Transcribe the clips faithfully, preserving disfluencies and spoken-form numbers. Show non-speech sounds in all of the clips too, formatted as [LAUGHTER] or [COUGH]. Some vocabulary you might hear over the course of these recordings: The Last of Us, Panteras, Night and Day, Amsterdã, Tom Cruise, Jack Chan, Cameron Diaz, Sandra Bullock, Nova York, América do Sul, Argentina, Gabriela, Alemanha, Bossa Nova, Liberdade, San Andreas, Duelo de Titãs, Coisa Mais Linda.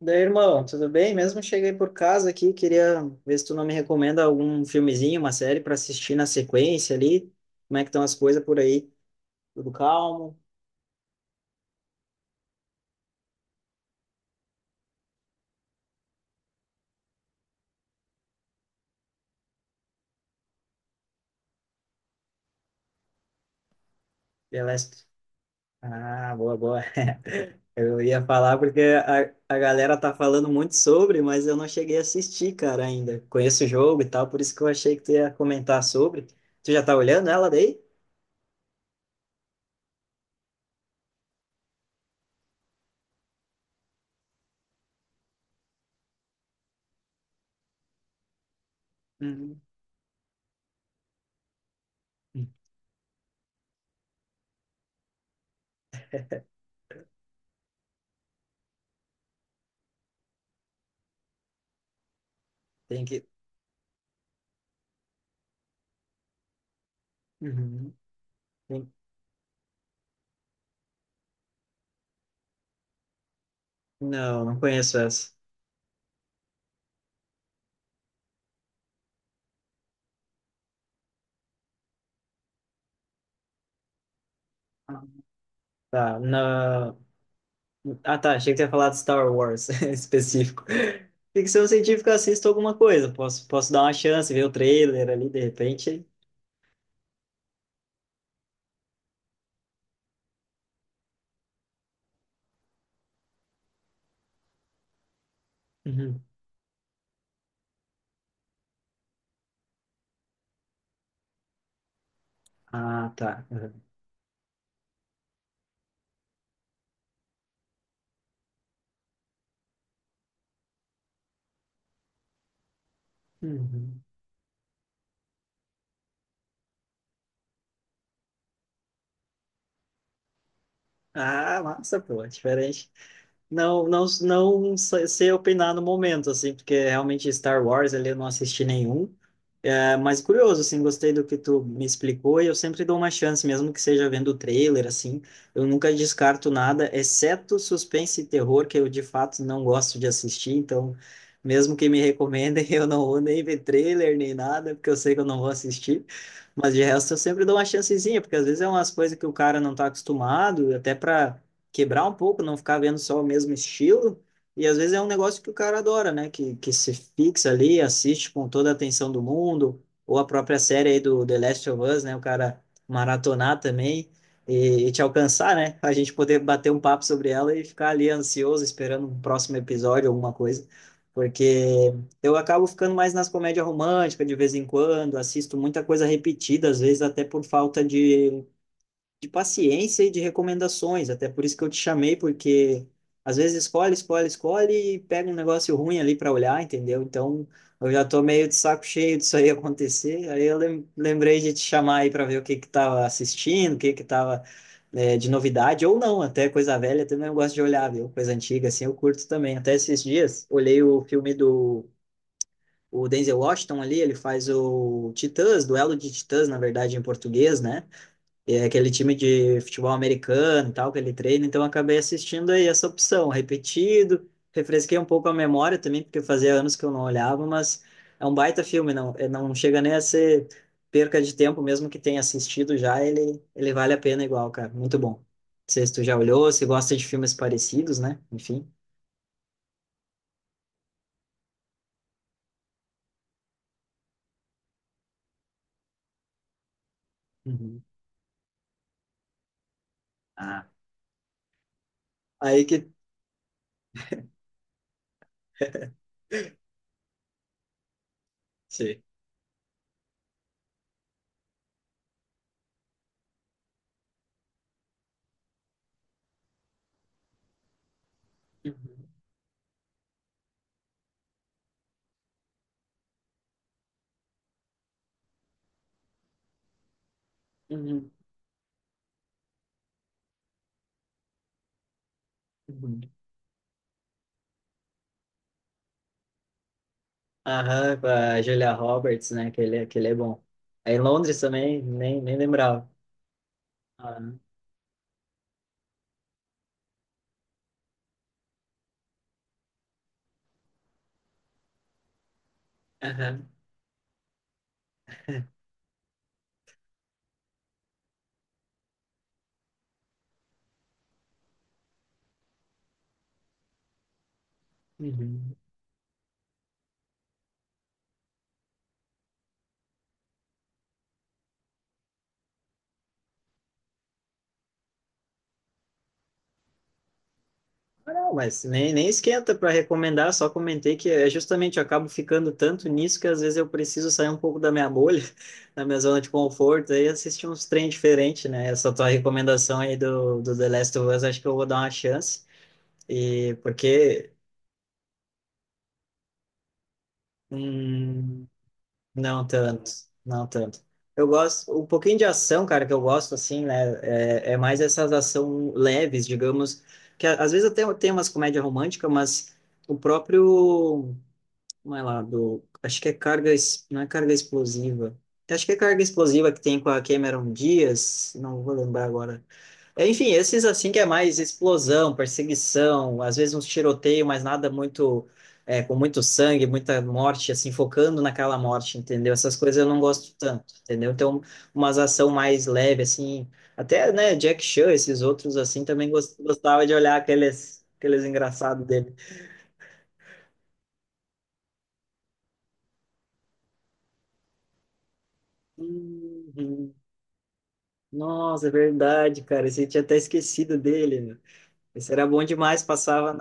Daí, irmão, tudo bem? Mesmo cheguei por casa aqui, queria ver se tu não me recomenda algum filmezinho, uma série para assistir na sequência ali. Como é que estão as coisas por aí? Tudo calmo? Beleza. Ah, boa, boa. Eu ia falar porque a, a galera tá falando muito sobre, mas eu não cheguei a assistir, cara, ainda. Conheço o jogo e tal, por isso que eu achei que tu ia comentar sobre. Tu já tá olhando ela daí? Uhum. Tem que. Uhum. Tem- Não, não conheço essa. Tá, não. Ah, tá. Achei que você ia falar de Star Wars [LAUGHS] específico. Ficção científica, eu assisto alguma coisa. Posso, posso dar uma chance, ver o trailer ali, de repente. Uhum. Ah, tá. Uhum. Uhum. Ah, massa, pô, é diferente. Não, não, não sei sei opinar no momento, assim, porque realmente Star Wars ali eu não assisti nenhum. É, mas curioso, assim, gostei do que tu me explicou e eu sempre dou uma chance, mesmo que seja vendo o trailer, assim, eu nunca descarto nada, exceto suspense e terror, que eu de fato não gosto de assistir, então, mesmo que me recomendem, [LAUGHS] eu não vou nem ver trailer nem nada, porque eu sei que eu não vou assistir, mas de resto eu sempre dou uma chancezinha, porque às vezes é umas coisas que o cara não tá acostumado, até para quebrar um pouco, não ficar vendo só o mesmo estilo, e às vezes é um negócio que o cara adora, né? Que, que se fixa ali, assiste com toda a atenção do mundo, ou a própria série aí do The Last of Us, né? O cara maratonar também e, e te alcançar, né? A gente poder bater um papo sobre ela e ficar ali ansioso, esperando um próximo episódio, alguma coisa. Porque eu acabo ficando mais nas comédias românticas de vez em quando, assisto muita coisa repetida, às vezes até por falta de de paciência e de recomendações. Até por isso que eu te chamei, porque às vezes escolhe, escolhe, escolhe e pega um negócio ruim ali para olhar, entendeu? Então eu já tô meio de saco cheio disso aí [LAUGHS] acontecer. Aí eu lem- lembrei de te chamar aí para ver o que que tava assistindo, o que que tava é, de novidade, ou não, até coisa velha também eu gosto de olhar, viu? Coisa antiga, assim, eu curto também. Até esses dias, olhei o filme do o Denzel Washington ali, ele faz o Titãs, Duelo de Titãs, na verdade, em português, né? E é aquele time de futebol americano e tal que ele treina, então eu acabei assistindo aí essa opção, repetido, refresquei um pouco a memória também, porque fazia anos que eu não olhava, mas é um baita filme, não, é- não chega nem a ser perca de tempo, mesmo que tenha assistido já, ele, ele vale a pena igual, cara, muito bom. Não sei se tu já olhou, se gosta de filmes parecidos, né? Enfim. Uhum. Ah, aí que... Sim. Uhum. Uhum. Uhum. Aham, com a Julia Roberts, né? Que ele, é, que ele é bom. Aí em Londres também, nem, nem lembrava. Ah, aham, uhum. Ah, não, mas nem, nem esquenta para recomendar, só comentei que é justamente eu acabo ficando tanto nisso que às vezes eu preciso sair um pouco da minha bolha, [LAUGHS] da minha zona de conforto, e assistir uns trem diferentes, né? Essa tua recomendação aí do, do The Last of Us, acho que eu vou dar uma chance, e porque. hum, Não tanto, não tanto. Eu gosto, um pouquinho de ação, cara, que eu gosto, assim, né? É, é mais essas ação leves, digamos, que a- às vezes até tem umas comédia romântica, mas o próprio, como é lá, do, acho que é carga, ex- não é carga explosiva. Acho que é carga explosiva que tem com a Cameron Diaz, não vou lembrar agora. É, Enfim, esses assim que é mais explosão, perseguição, às vezes uns tiroteio, mas nada muito é, com muito sangue, muita morte, assim, focando naquela morte, entendeu? Essas coisas eu não gosto tanto, entendeu? Então, umas ação mais leve, assim, até, né, Jack Chan, esses outros, assim, também gos- gostava de olhar aqueles, aqueles, engraçados dele. Uhum. Nossa, é verdade, cara, esse eu tinha até esquecido dele, meu. Esse era bom demais, passava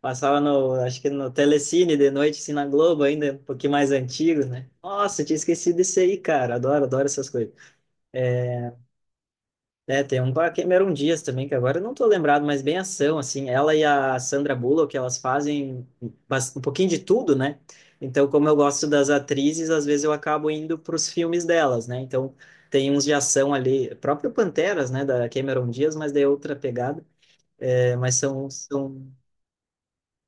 Passava no, acho que no Telecine de noite, assim, na Globo ainda, um pouquinho mais antigo, né? Nossa, tinha esquecido desse aí, cara. Adoro, adoro essas coisas. É, tem um com a Cameron Diaz também, que agora eu não tô lembrado, mas bem ação, assim. Ela e a Sandra Bullock, elas fazem bas- um pouquinho de tudo, né? Então, como eu gosto das atrizes, às vezes eu acabo indo pros filmes delas, né? Então, tem uns de ação ali, próprio Panteras, né, da Cameron Diaz, mas de outra pegada. É, mas são, são,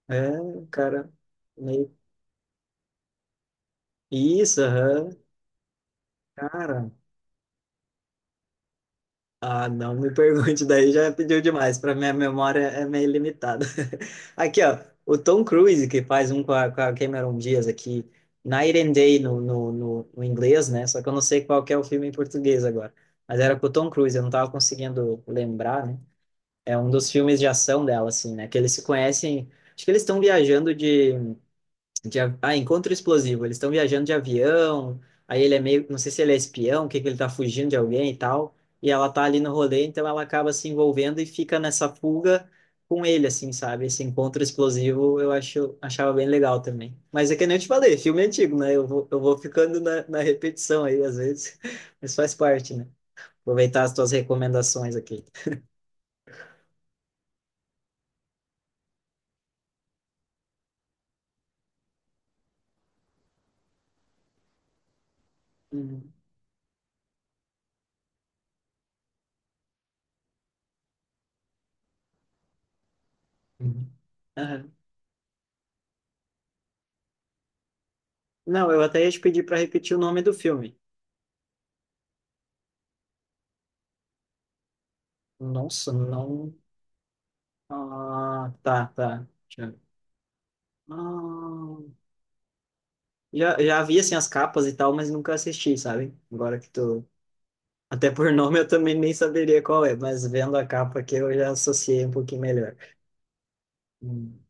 é, cara, meio... Isso, aham. Cara, ah, não me pergunte, daí já pediu demais, para minha memória é meio limitada. [LAUGHS] Aqui, ó, o Tom Cruise, que faz um com a, com a Cameron Diaz aqui, Night and Day no, no, no, no inglês, né? Só que eu não sei qual que é o filme em português agora. Mas era com o Tom Cruise, eu não tava conseguindo lembrar, né? É um dos filmes de ação dela, assim, né? Que eles se conhecem, acho que eles estão viajando de De, a- ah, encontro explosivo. Eles estão viajando de avião, aí ele é meio, não sei se ele é espião, o que que ele tá fugindo de alguém e tal, e ela tá ali no rolê, então ela acaba se envolvendo e fica nessa fuga com ele, assim, sabe? Esse encontro explosivo eu acho, achava bem legal também. Mas é que nem eu te falei, filme antigo, né? Eu vou, eu vou ficando na, na repetição aí, às vezes, [LAUGHS] mas faz parte, né? Aproveitar as tuas recomendações aqui. Uhum. Uhum. Aham. Não, eu até ia te pedir para repetir o nome do filme. Nossa, não. Ah, tá, tá. Já, ah, já, já vi assim as capas e tal, mas nunca assisti, sabe? Agora que tu. Até por [LAUGHS] nome eu também nem saberia qual é, mas vendo a capa aqui eu já associei um pouquinho melhor. Hum.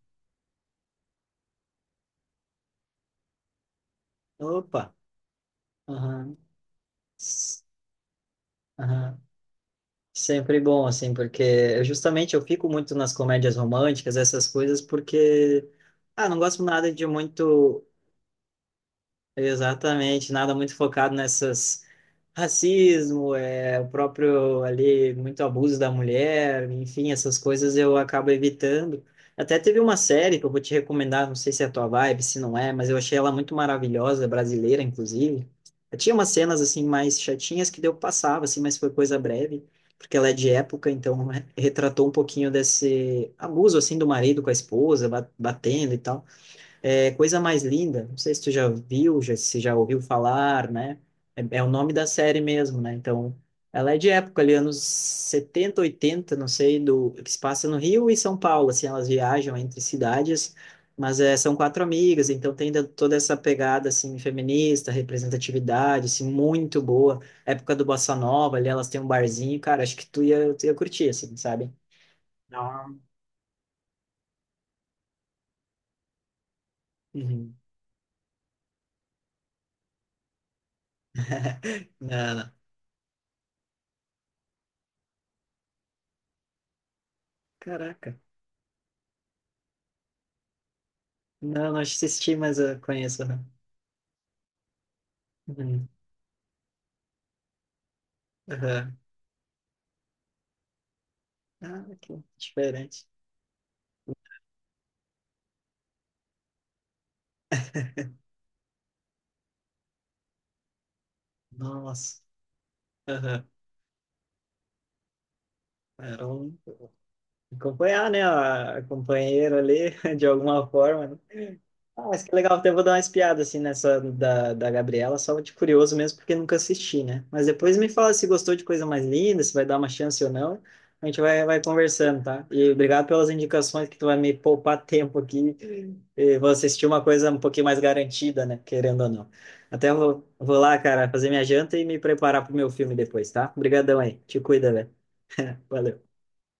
Opa! Aham. S- Aham. Sempre bom, assim, porque eu, justamente eu fico muito nas comédias românticas, essas coisas, porque. Ah, não gosto nada de muito. Exatamente, nada muito focado nessas racismo, é o próprio ali muito abuso da mulher, enfim, essas coisas eu acabo evitando. Até teve uma série que eu vou te recomendar, não sei se é a tua vibe, se não é, mas eu achei ela muito maravilhosa, brasileira inclusive. Tinha umas cenas assim mais chatinhas que deu passava assim, mas foi coisa breve, porque ela é de época, então re- retratou um pouquinho desse abuso assim do marido com a esposa, ba- batendo e tal. É Coisa Mais Linda, não sei se tu já viu, já, se já ouviu falar, né? É, é o nome da série mesmo, né? Então, ela é de época ali, anos setenta oitenta não sei, do que se passa no Rio e São Paulo, assim, elas viajam entre cidades, mas é, são quatro amigas, então tem da- toda essa pegada, assim, feminista, representatividade, assim, muito boa. Época do Bossa Nova, ali elas têm um barzinho, cara, acho que tu ia, tu ia curtir, assim, sabe? Não, uhum. Ah, caraca. Não, não assisti, mas eu conheço. Aham. Uhum. Aham. Ah, que diferente. [LAUGHS] Nossa. Aham. Era um... Acompanhar, né? A a companheira ali, [LAUGHS] de alguma forma, né? Ah, mas que legal, até vou dar uma espiada assim nessa da, da Gabriela, só de curioso mesmo, porque nunca assisti, né? Mas depois me fala se gostou de Coisa Mais Linda, se vai dar uma chance ou não. A gente vai, vai conversando, tá? E obrigado pelas indicações que tu vai me poupar tempo aqui. E vou assistir uma coisa um pouquinho mais garantida, né? Querendo ou não. Até vou, vou lá, cara, fazer minha janta e me preparar pro meu filme depois, tá? Obrigadão aí. Te cuida, velho. Valeu.